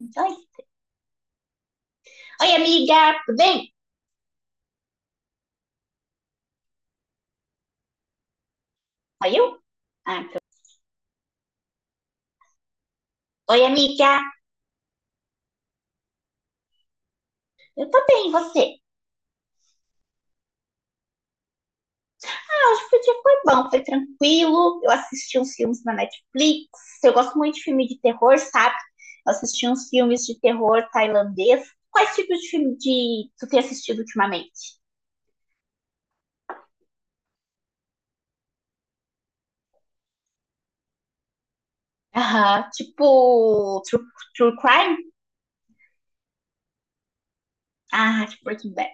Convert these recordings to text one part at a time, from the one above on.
Oi. Oi, amiga, tudo bem? Oi, eu? Ah, então. Oi, amiga, eu tô bem, e você? Ah, hoje o dia foi bom, foi tranquilo. Eu assisti uns filmes na Netflix. Eu gosto muito de filme de terror, sabe? Eu assisti uns filmes de terror tailandês. Quais tipos de filme de... tu tem assistido ultimamente? Aham, tipo true, true crime? Ah, tipo Breaking Bad.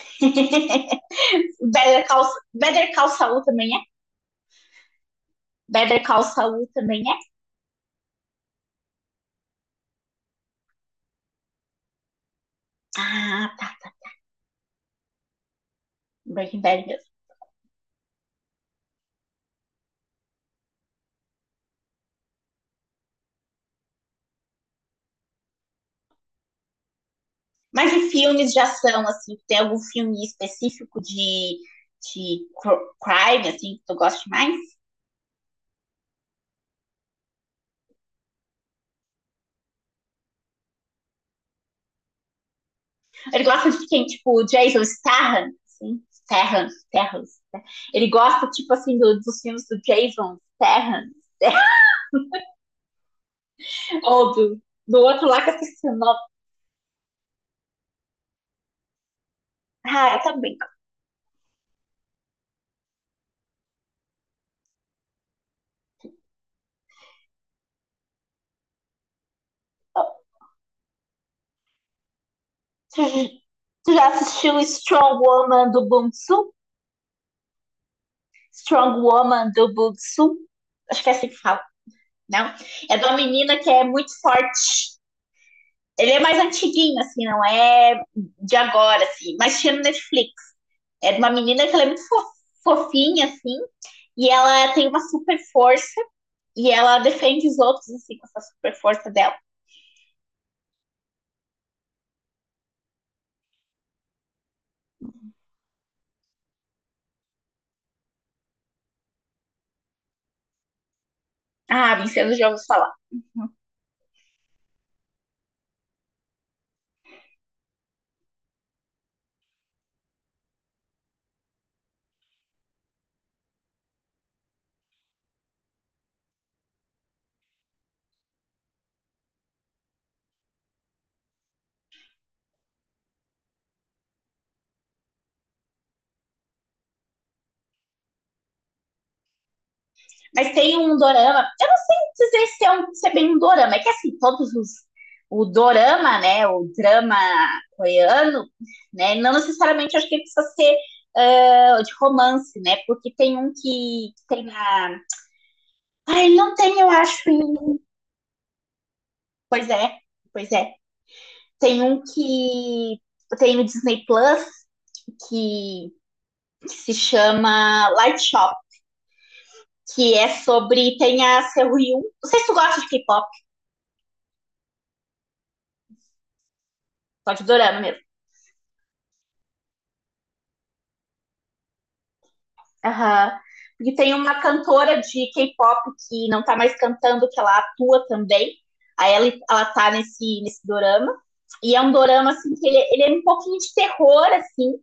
Better Call, Better Call Saul também é? Better Call Saul também é? Ah, tá. Breaking Bad mesmo. Mas e filmes de ação, assim, tem algum filme específico de, crime, assim, que tu gosta mais? Ele gosta de quem? Tipo, Jason Statham, assim, Statham, Statham, né? Ele gosta, tipo, assim, dos filmes do Jason Statham, ou do, do outro lá que eu esqueci o nome. Ah, eu também. Tu, tu já assistiu Strong Woman do Bong Joon? Strong Woman do Bong Joon? Acho que é assim que fala, não? É de uma menina que é muito forte. Ele é mais antiguinho, assim, não é de agora, assim, mas tinha no Netflix. É de uma menina que ela é muito fofinha, assim, e ela tem uma super força e ela defende os outros, assim, com essa super força dela. Ah, Vincenzo já ouviu falar. Uhum. Mas tem um dorama, eu não sei dizer se é, um, se é bem um dorama, é que assim, todos os. O dorama, né, o drama coreano, né, não necessariamente acho que ele precisa ser ah, de romance, né, porque tem um que tem a. Ah, ele não tem, eu acho. em-. Pois é, pois é. Tem um que tem no Disney Plus que, que se chama Light Shop, que é sobre tem a Seo Hyun. Não sei se tu gosta de K-pop, só de dorama mesmo. Aham. Porque tem uma cantora de K-pop que não tá mais cantando, que ela atua também. Ela tá nesse dorama. E é um dorama, assim, ele é um pouquinho de terror, assim,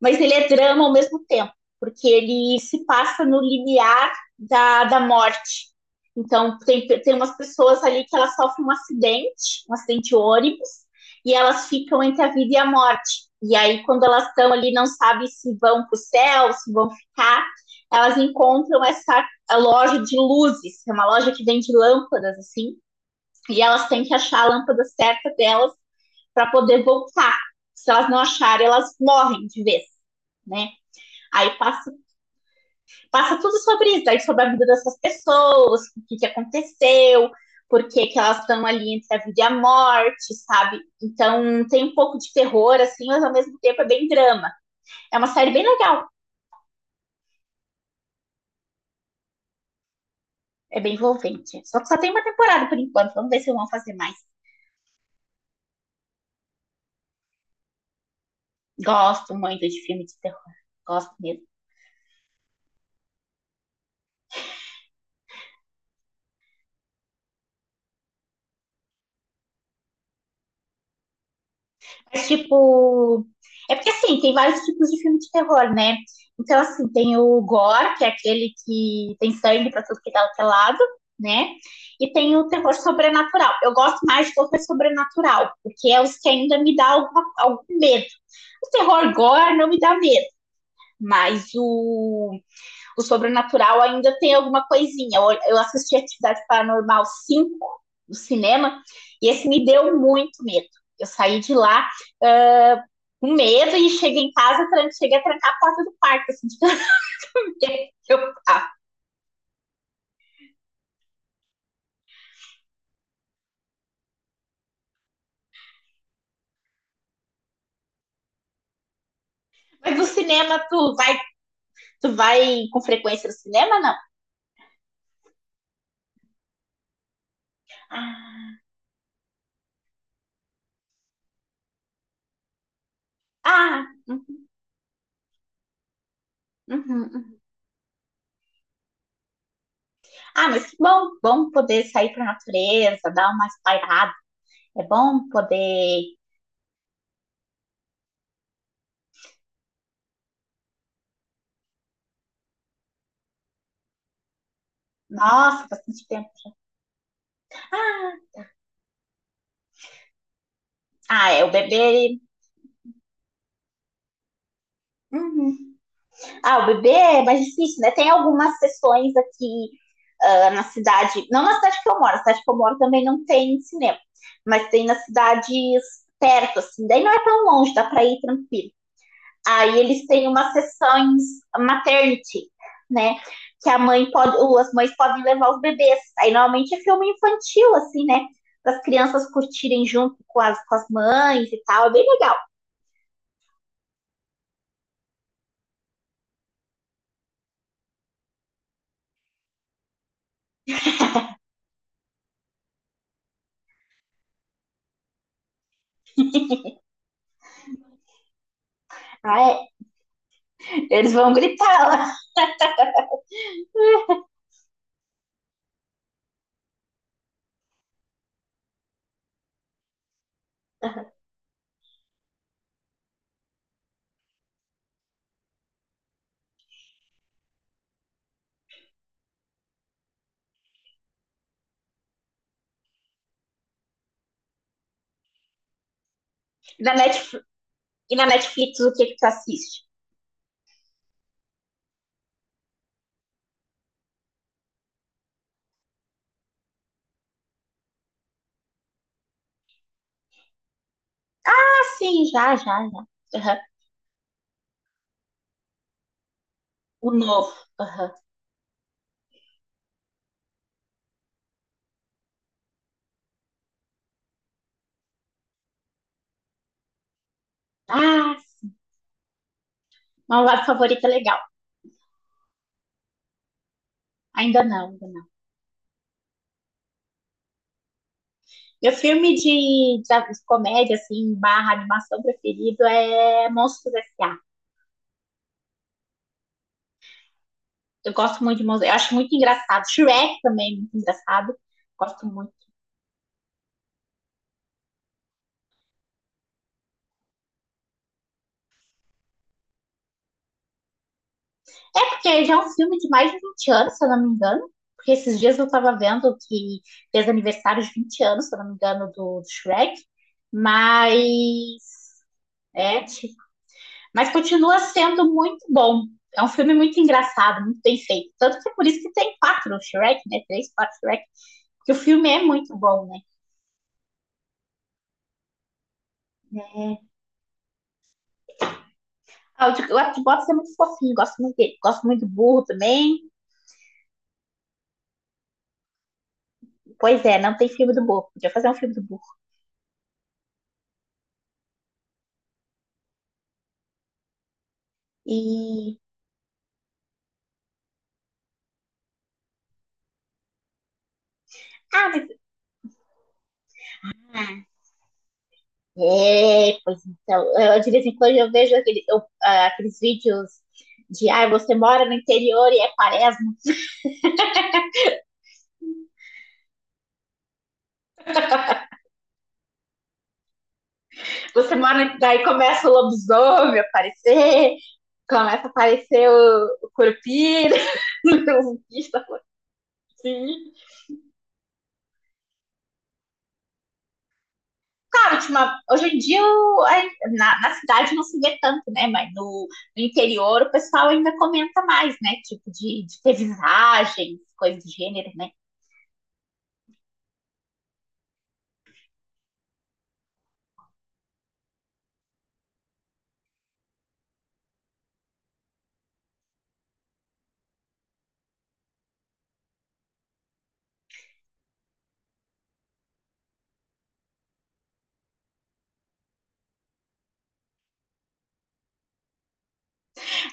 mas ele é drama ao mesmo tempo, porque ele se passa no limiar da morte. Então, tem umas pessoas ali que elas sofrem um acidente de ônibus, e elas ficam entre a vida e a morte. E aí, quando elas estão ali, não sabem se vão para o céu, se vão ficar elas encontram essa a loja de luzes, é uma loja que vende lâmpadas, assim, e elas têm que achar a lâmpada certa delas para poder voltar. Se elas não acharem, elas morrem de vez, né? Aí passa, passa tudo sobre isso, aí sobre a vida dessas pessoas, que aconteceu, que elas estão ali entre a vida e a morte, sabe? Então tem um pouco de terror, assim, mas ao mesmo tempo é bem drama. É uma série bem legal, é bem envolvente. Só que só tem uma temporada por enquanto, vamos ver se vão fazer mais. Gosto muito de filme de terror. Gosto mesmo. Mas, tipo. É porque, assim, tem vários tipos de filme de terror, né? Então, assim, tem o gore, que é aquele que tem sangue pra tudo que dá o lado, né? E tem o terror sobrenatural. Eu gosto mais de terror sobrenatural, porque é os que ainda me dá algum medo. O terror gore não me dá medo, mas o sobrenatural ainda tem alguma coisinha. Eu assisti Atividade Paranormal 5 no cinema e esse me deu muito medo. Eu saí de lá uh, com medo e cheguei em casa, cheguei a trancar a porta do quarto, assim, de tanto que eu Mas no cinema, tu vai com frequência no cinema, não? Ah, ah, uhum, uhum. Uhum. Ah, mas que bom, bom poder sair para a natureza, dar uma espairada. É bom poder... Nossa, bastante tempo. Ah, ah é, o bebê. Uhum. Ah, o bebê é mais difícil, né? Tem algumas sessões aqui ah, na cidade, não na cidade que eu moro, na cidade que eu moro também não tem cinema, mas tem nas cidades perto, assim, daí não é tão longe, dá pra ir tranquilo. Aí eles têm umas sessões maternity, né? Que a mãe pode, ou as mães podem levar os bebês. Aí normalmente é filme infantil, assim, né? Para as crianças curtirem junto com as mães e tal, é bem legal. Ah, é. Eles vão gritar lá. Na Netflix. E na Netflix, o que que tu assiste? Ah, sim, já, já, já. Aham. O novo. Aham. Ah, sim. Malvado Favorito é legal. Ainda não, ainda não. Meu filme de comédia, assim, barra animação preferido é Monstros S.A. Eu gosto muito de Monstros. Eu acho muito engraçado. Shrek também é muito engraçado. Gosto muito. É porque já é um filme de mais de 20 anos, se eu não me engano. Porque esses dias eu tava vendo que fez aniversário de 20 anos, se eu não me engano, do Shrek. Mas é, mas continua sendo muito bom. É um filme muito engraçado, muito bem feito. Tanto que é por isso que tem quatro Shrek, né? Três, quatro Shrek. Porque o filme é muito bom, né? É. Ah, o de Box é muito fofinho, gosto muito dele. Gosto muito do burro também. Pois é, não tem filme do burro. Podia fazer um filme do burro. E. Ah, mas... É, pois então. Eu, de vez em quando eu vejo aquele, eu, ah, aqueles vídeos de. Ah, você mora no interior e é quaresma. Você mora. Daí começa o lobisomem a aparecer, começa a aparecer o curupira, o bicho assim. Claro, tipo, hoje em dia na cidade não se vê tanto, né? Mas no, no interior o pessoal ainda comenta mais, né? Tipo, de ter visagens, coisas do gênero, né?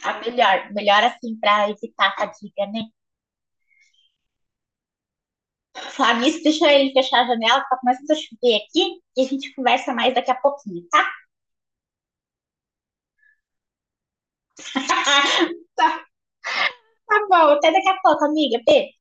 A melhor, melhor assim, pra evitar a fadiga, né? Falar nisso, deixa ele fechar a janela, tá começando a chover aqui e a gente conversa mais daqui a pouquinho, tá? Tá. Tá bom, até daqui a pouco, amiga. Beijo.